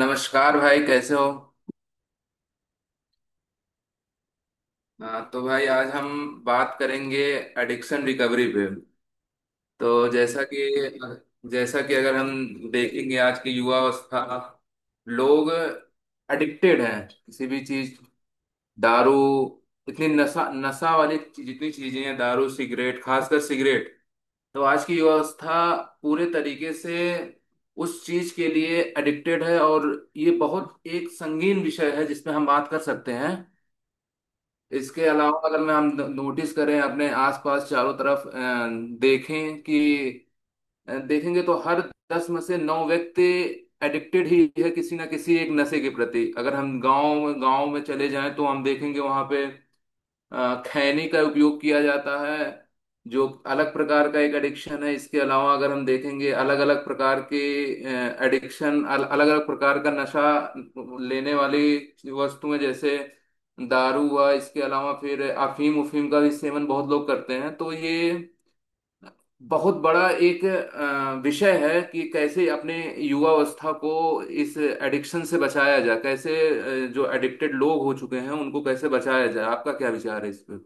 नमस्कार भाई, कैसे हो। हाँ, तो भाई आज हम बात करेंगे एडिक्शन रिकवरी पे। तो जैसा कि अगर हम देखेंगे आज की युवा अवस्था, लोग एडिक्टेड हैं किसी भी चीज, दारू, इतनी नशा नशा वाली जितनी चीजें हैं, दारू सिगरेट, खासकर सिगरेट। तो आज की युवा अवस्था पूरे तरीके से उस चीज के लिए एडिक्टेड है, और ये बहुत एक संगीन विषय है जिसमें हम बात कर सकते हैं। इसके अलावा अगर मैं हम नोटिस करें अपने आसपास चारों तरफ, देखें कि देखेंगे तो हर दस में से नौ व्यक्ति एडिक्टेड ही है किसी ना किसी एक नशे के प्रति। अगर हम गांव गांव में चले जाएं तो हम देखेंगे वहां पे खैनी का उपयोग किया जाता है, जो अलग प्रकार का एक एडिक्शन है। इसके अलावा अगर हम देखेंगे, अलग अलग प्रकार के एडिक्शन, अलग अलग प्रकार का नशा लेने वाली वस्तुएं, जैसे दारू हुआ, इसके अलावा फिर अफीम उफीम का भी सेवन बहुत लोग करते हैं। तो ये बहुत बड़ा एक विषय है कि कैसे अपने युवावस्था को इस एडिक्शन से बचाया जाए, कैसे जो एडिक्टेड लोग हो चुके हैं उनको कैसे बचाया जाए। आपका क्या विचार है इस पे।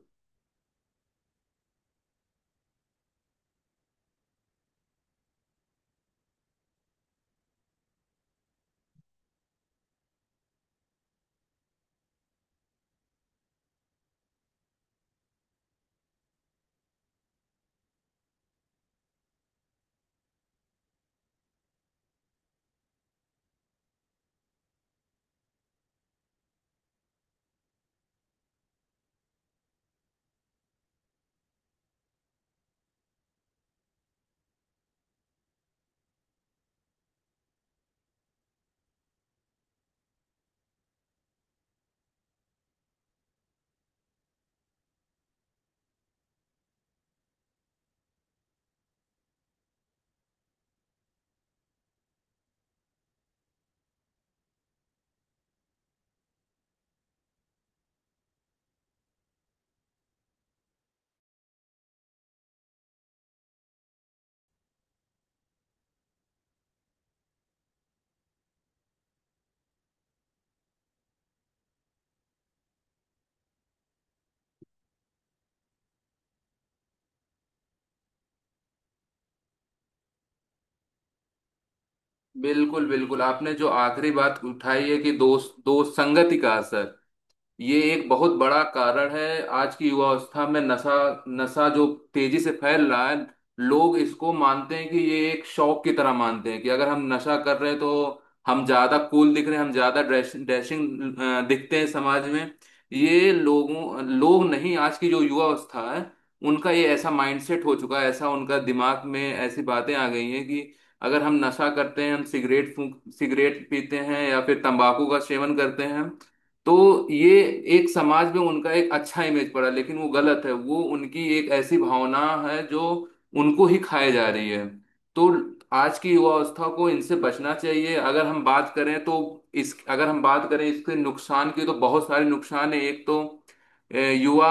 बिल्कुल बिल्कुल, आपने जो आखिरी बात उठाई है कि दोस्त दोस्त संगति का असर, ये एक बहुत बड़ा कारण है। आज की युवा अवस्था में नशा नशा जो तेजी से फैल रहा है, लोग इसको मानते हैं कि ये एक शौक की तरह, मानते हैं कि अगर हम नशा कर रहे हैं तो हम ज्यादा कूल दिख रहे हैं, हम ज्यादा ड्रेस ड्रेसिंग दिखते हैं समाज में। ये लोग नहीं, आज की जो युवा अवस्था है उनका ये ऐसा माइंडसेट हो चुका है, ऐसा उनका दिमाग में ऐसी बातें आ गई हैं कि अगर हम नशा करते हैं, हम सिगरेट फूंक सिगरेट पीते हैं या फिर तंबाकू का सेवन करते हैं, तो ये एक समाज में उनका एक अच्छा इमेज पड़ा। लेकिन वो गलत है, वो उनकी एक ऐसी भावना है जो उनको ही खाए जा रही है। तो आज की युवा अवस्था को इनसे बचना चाहिए। अगर हम बात करें तो इस अगर हम बात करें इसके नुकसान की, तो बहुत सारे नुकसान है। एक तो युवा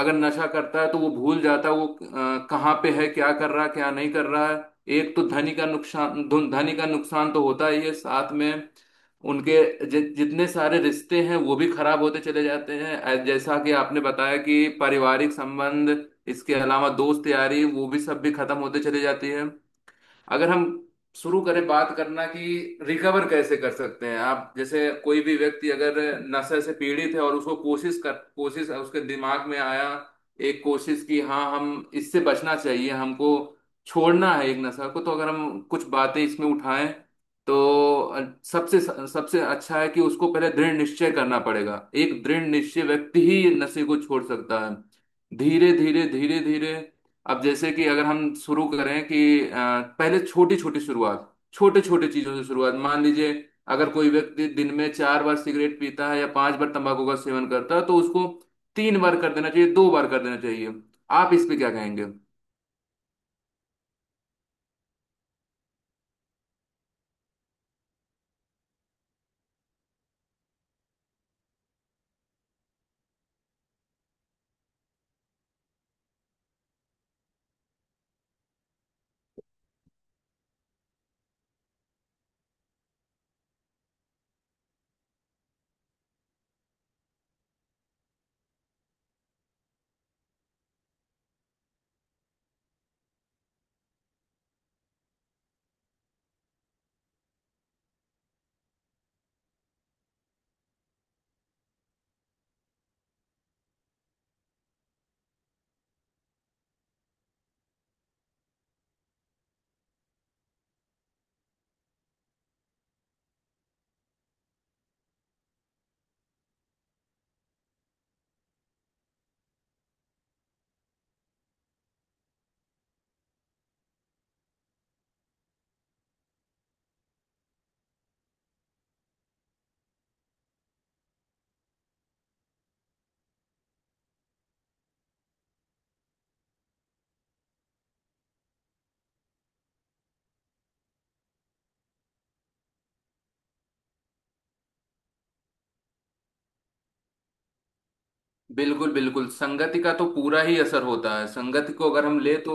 अगर नशा करता है तो वो भूल जाता है, वो कहाँ पे है, क्या कर रहा है, क्या नहीं कर रहा है। एक तो धनी का नुकसान, धनी का नुकसान तो होता ही है। साथ में उनके जितने सारे रिश्ते हैं वो भी खराब होते चले जाते हैं। जैसा कि आपने बताया कि पारिवारिक संबंध, इसके अलावा दोस्त यारी, वो भी सब भी खत्म होते चले जाती है। अगर हम शुरू करें बात करना कि रिकवर कैसे कर सकते हैं, आप जैसे कोई भी व्यक्ति अगर नशे से पीड़ित है और उसको कोशिश कर, कोशिश उसके दिमाग में आया एक कोशिश कि हाँ, हम इससे बचना चाहिए, हमको छोड़ना है एक नशा को, तो अगर हम कुछ बातें इसमें उठाएं, तो सबसे सबसे अच्छा है कि उसको पहले दृढ़ निश्चय करना पड़ेगा। एक दृढ़ निश्चय व्यक्ति ही नशे को छोड़ सकता है धीरे धीरे धीरे धीरे। अब जैसे कि अगर हम शुरू करें कि अ, पहले छोटी छोटी शुरुआत, छोटे छोटे चीजों से शुरुआत, मान लीजिए अगर कोई व्यक्ति दिन में चार बार सिगरेट पीता है या पांच बार तंबाकू का सेवन करता है, तो उसको तीन बार कर देना चाहिए, दो बार कर देना चाहिए। आप इस पे क्या कहेंगे। बिल्कुल बिल्कुल, संगति का तो पूरा ही असर होता है। संगति को अगर हम ले तो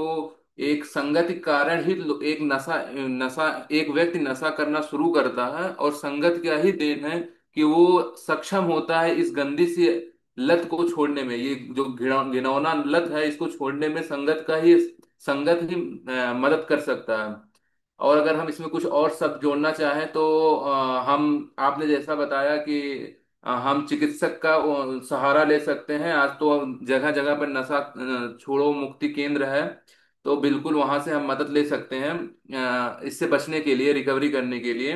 एक संगति कारण ही एक नशा नशा एक व्यक्ति नशा करना शुरू करता है, और संगत का ही देन है कि वो सक्षम होता है इस गंदी सी लत को छोड़ने में। ये जो घिनौना लत है, इसको छोड़ने में संगत का ही, संगत ही मदद कर सकता है। और अगर हम इसमें कुछ और सब जोड़ना चाहें तो हम आपने जैसा बताया कि हम चिकित्सक का सहारा ले सकते हैं। आज तो जगह जगह पर नशा छोड़ो मुक्ति केंद्र है, तो बिल्कुल वहां से हम मदद ले सकते हैं इससे बचने के लिए, रिकवरी करने के लिए।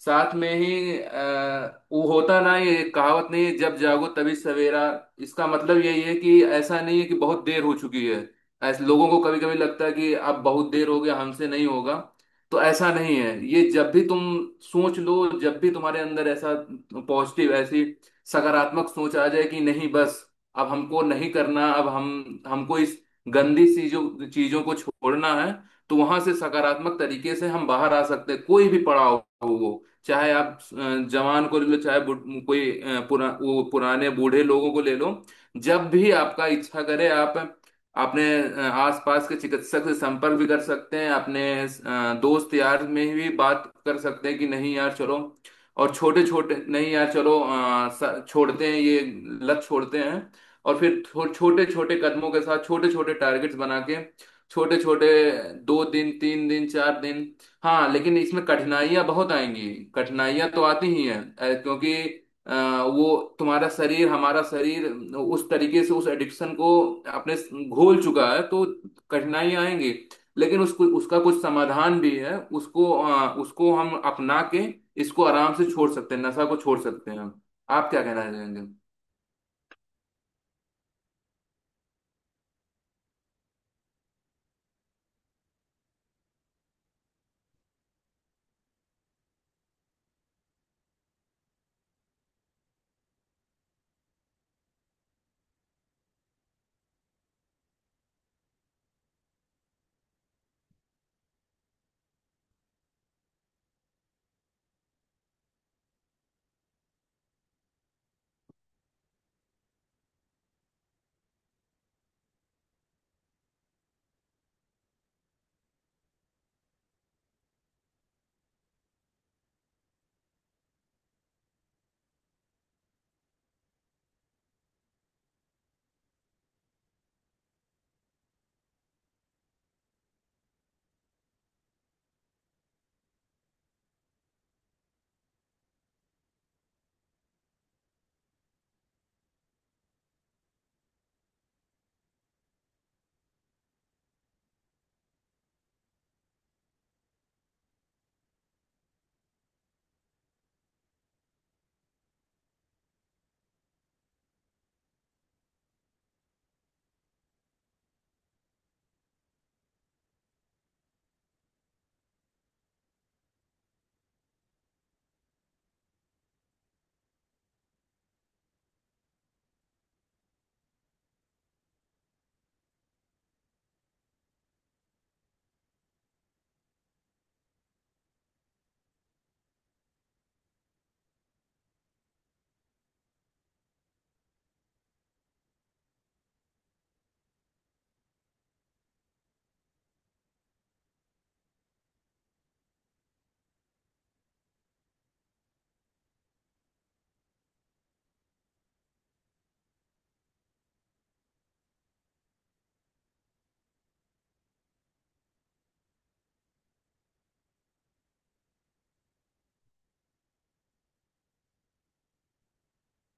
साथ में ही वो होता ना ये कहावत नहीं है, जब जागो तभी सवेरा। इसका मतलब यही है कि ऐसा नहीं है कि बहुत देर हो चुकी है। ऐसे लोगों को कभी कभी लगता है कि अब बहुत देर हो गया, हमसे नहीं होगा। तो ऐसा नहीं है, ये जब भी तुम सोच लो, जब भी तुम्हारे अंदर ऐसा पॉजिटिव, ऐसी सकारात्मक सोच आ जाए कि नहीं बस, अब हमको नहीं करना, अब हम हमको इस गंदी चीजों चीजों को छोड़ना है, तो वहां से सकारात्मक तरीके से हम बाहर आ सकते हैं। कोई भी पड़ाव हो, वो चाहे आप जवान को ले लो, चाहे कोई वो पुराने बूढ़े लोगों को ले लो। जब भी आपका इच्छा करे, आप अपने आसपास के चिकित्सक से संपर्क भी कर सकते हैं, अपने दोस्त यार में भी बात कर सकते हैं कि नहीं यार चलो, और छोटे छोटे नहीं यार चलो, छोड़ते हैं ये लत छोड़ते हैं। और फिर छोटे छोटे कदमों के साथ, छोटे छोटे टारगेट्स बना के, छोटे छोटे दो दिन, तीन दिन, चार दिन। हाँ, लेकिन इसमें कठिनाइयां बहुत आएंगी। कठिनाइयां तो आती ही हैं क्योंकि अ, वो तुम्हारा शरीर हमारा शरीर उस तरीके से उस एडिक्शन को अपने घोल चुका है, तो कठिनाइयां आएंगी। लेकिन उसको, उसका कुछ समाधान भी है, उसको उसको हम अपना के इसको आराम से छोड़ सकते हैं, नशा को छोड़ सकते हैं हम। आप क्या कहना चाहेंगे।